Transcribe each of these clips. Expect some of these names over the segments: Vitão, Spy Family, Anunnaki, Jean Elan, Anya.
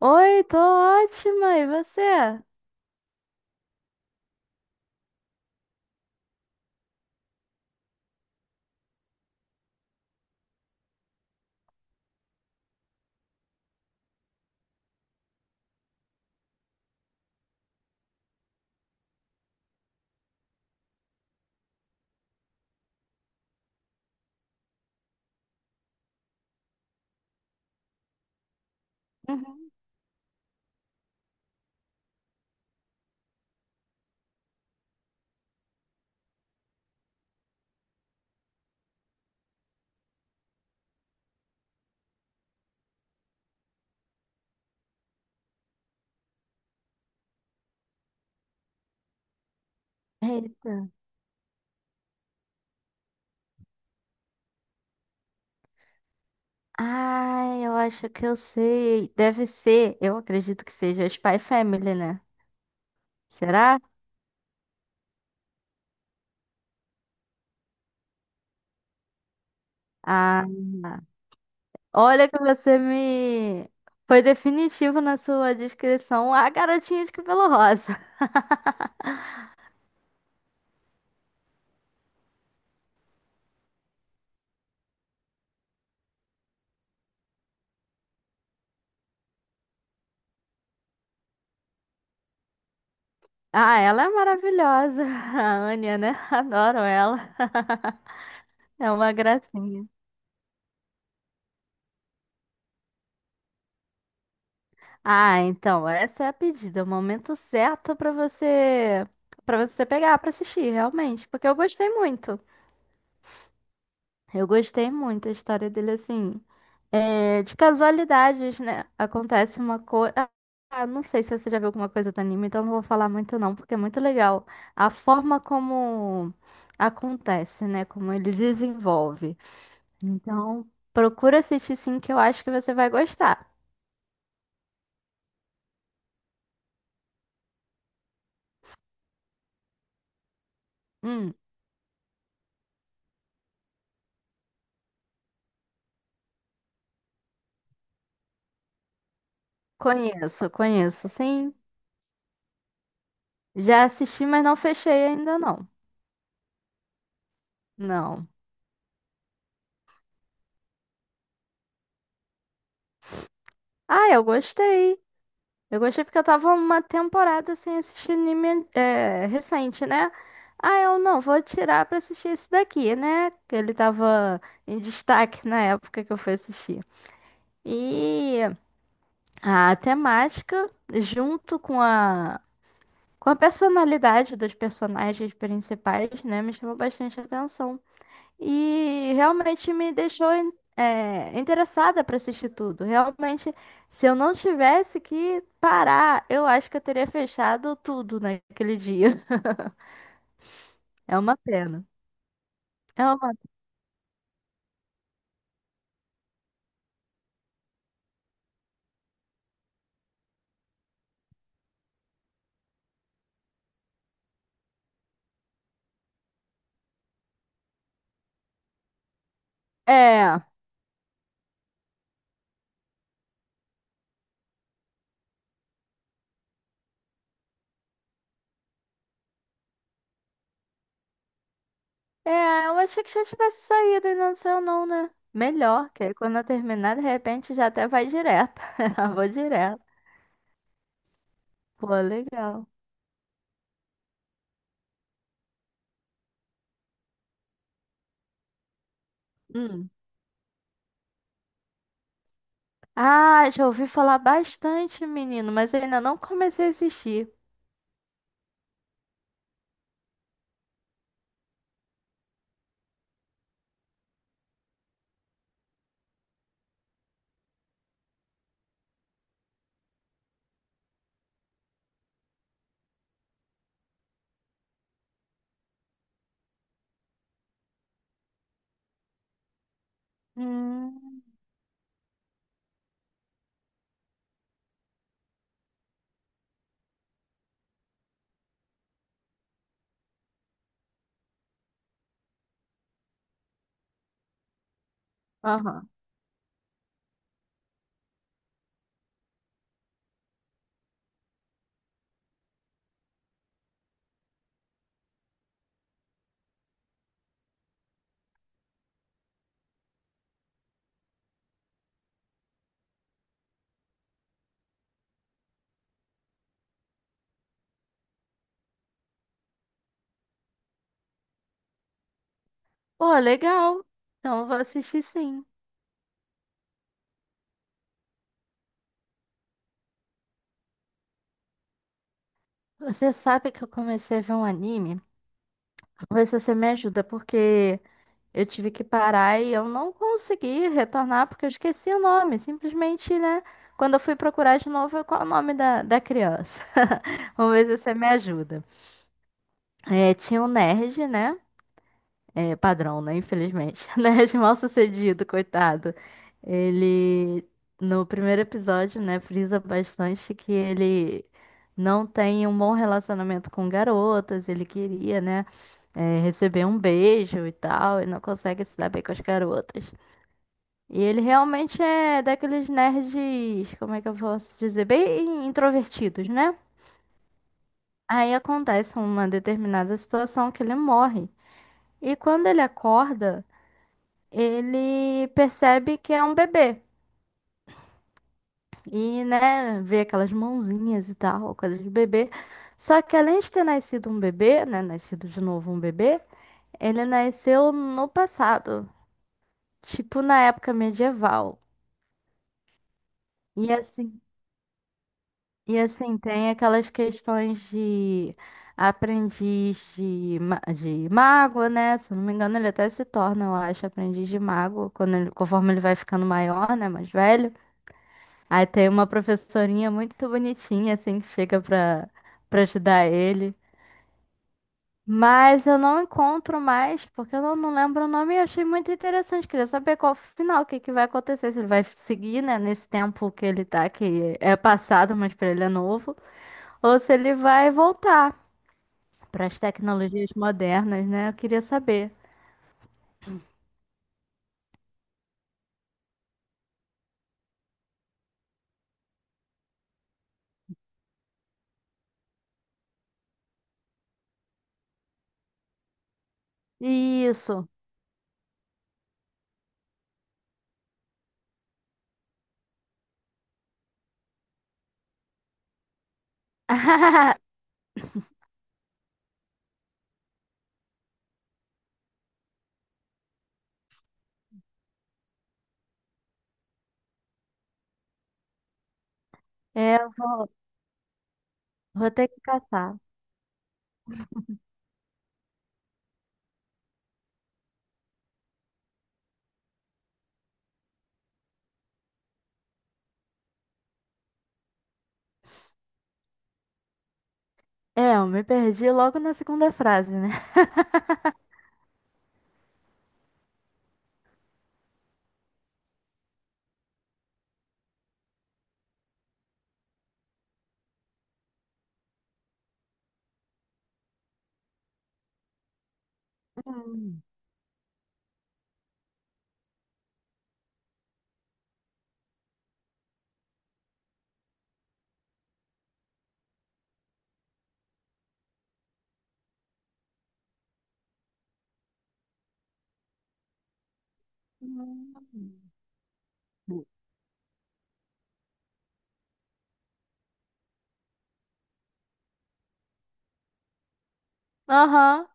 Oi, tô ótima, e você? Uhum. Eita. Ai, eu acho que eu sei. Deve ser, eu acredito que seja Spy Family, né? Será? Ah, olha que você me. Foi definitivo na sua descrição. A garotinha de cabelo rosa. Ah, ela é maravilhosa. A Anya, né? Adoro ela. É uma gracinha. Ah, então, essa é a pedida, é o momento certo pra você para você pegar pra assistir, realmente, porque eu gostei muito. Eu gostei muito da história dele assim. É, de casualidades, né? Acontece uma coisa. Não sei se você já viu alguma coisa do anime, então não vou falar muito não, porque é muito legal a forma como acontece, né? Como ele desenvolve. Então, procura assistir sim, que eu acho que você vai gostar. Hum, conheço, conheço, sim. Já assisti, mas não fechei ainda não. Não. Ah, eu gostei. Eu gostei porque eu tava uma temporada sem assistir anime recente, né? Ah, eu não, vou tirar pra assistir esse daqui, né? Que ele tava em destaque na época que eu fui assistir. E a temática, junto com a personalidade dos personagens principais, né? Me chamou bastante atenção. E realmente me deixou interessada para assistir tudo. Realmente, se eu não tivesse que parar, eu acho que eu teria fechado tudo naquele dia. É uma pena. É uma... É, é, eu achei que já tivesse saído e não saiu não, né? Melhor, que aí quando eu terminar, de repente já até vai direto. Já vou direto. Pô, legal. Hum. Ah, já ouvi falar bastante, menino, mas eu ainda não comecei a assistir. Hum. Aham. Pô, legal. Então eu vou assistir sim. Você sabe que eu comecei a ver um anime? Vou ver se você me ajuda, porque eu tive que parar e eu não consegui retornar porque eu esqueci o nome. Simplesmente, né? Quando eu fui procurar de novo, qual é o nome da, da criança? Vamos ver se você me ajuda. É, tinha um nerd, né? É, padrão, né? Infelizmente. Né? De mal-sucedido, coitado. Ele, no primeiro episódio, né, frisa bastante que ele não tem um bom relacionamento com garotas. Ele queria, né, receber um beijo e tal, e não consegue se dar bem com as garotas. E ele realmente é daqueles nerds, como é que eu posso dizer? Bem introvertidos, né? Aí acontece uma determinada situação que ele morre. E quando ele acorda, ele percebe que é um bebê. E, né, vê aquelas mãozinhas e tal, coisa de bebê. Só que além de ter nascido um bebê, né, nascido de novo um bebê, ele nasceu no passado, tipo na época medieval. E assim, e assim tem aquelas questões de de mago, né? Se eu não me engano, ele até se torna, eu acho, aprendiz de mago quando conforme ele vai ficando maior, né, mais velho. Aí tem uma professorinha muito bonitinha, assim, que chega pra, pra ajudar ele. Mas eu não encontro mais, porque eu não, não lembro o nome e achei muito interessante. Queria saber qual o final, o que, que vai acontecer. Se ele vai seguir, né, nesse tempo que ele tá, que é passado, mas pra ele é novo. Ou se ele vai voltar para as tecnologias modernas, né? Eu queria saber. Isso. É, eu vou, vou ter que caçar. É, eu me perdi logo na segunda frase, né? Hum. Aham.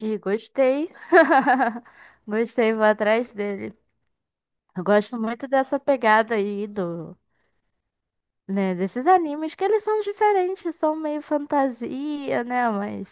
E gostei. Gostei, vou atrás dele. Eu gosto muito dessa pegada aí do, né, desses animes que eles são diferentes, são meio fantasia, né, mas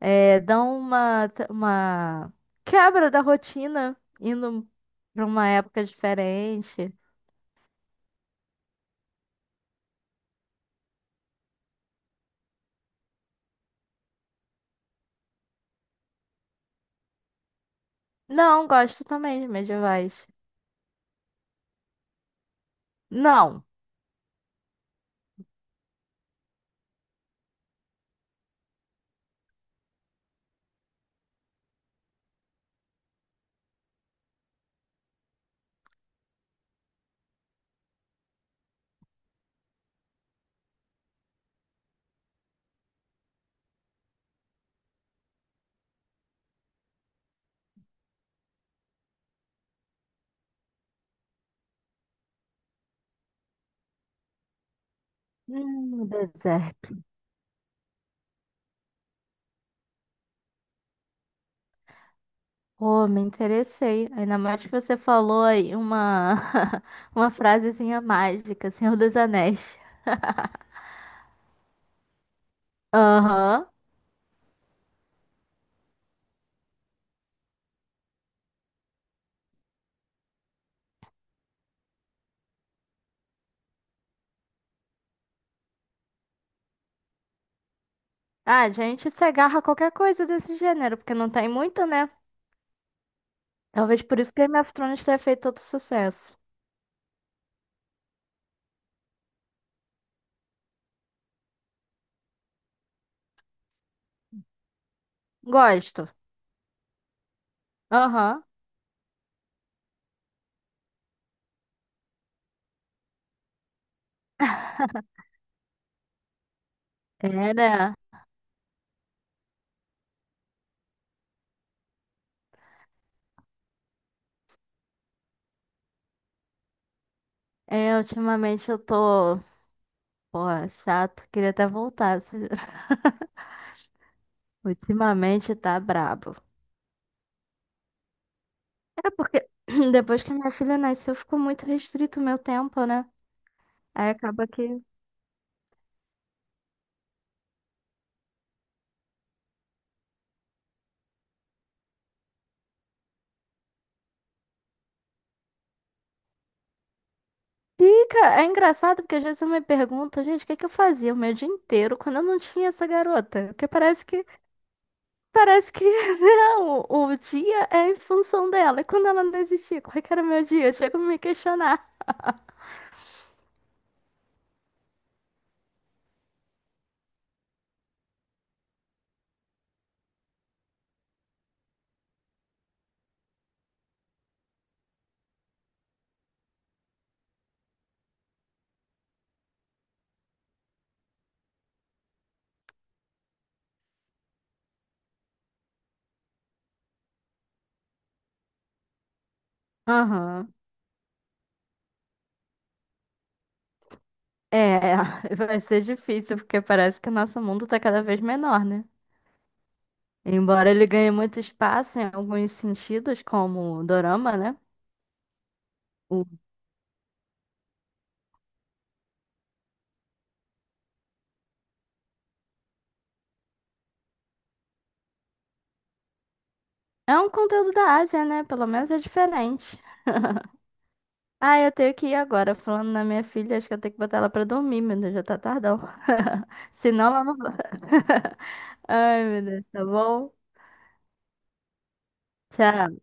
é, dão uma quebra da rotina indo pra uma época diferente. Não, gosto também de medievais. Não. Deserto. Oh, me interessei. Ainda mais que você falou aí uma, uma frasezinha mágica, Senhor dos Anéis. Aham. Ah, a gente se agarra a qualquer coisa desse gênero, porque não tem muito, né? Talvez por isso que Game of Thrones tenha feito tanto sucesso. Gosto. Aham. É, né? É, ultimamente eu tô. Pô, chato. Queria até voltar. Ultimamente tá brabo. É porque depois que minha filha nasceu, ficou muito restrito o meu tempo, né? Aí acaba que. Fica, é engraçado porque às vezes eu me pergunto, gente, o que é que eu fazia o meu dia inteiro quando eu não tinha essa garota? Porque parece que né, o dia é em função dela. E quando ela não existia, como é que era o meu dia? Eu chego a me questionar. Aham. É, vai ser difícil porque parece que o nosso mundo tá cada vez menor, né? Embora ele ganhe muito espaço em alguns sentidos, como o dorama, né? O- É um conteúdo da Ásia, né? Pelo menos é diferente. Ah, eu tenho que ir agora. Falando na minha filha, acho que eu tenho que botar ela pra dormir, meu Deus, já tá tardão. Senão ela não vai. Ai, meu Deus, tá bom? Tchau.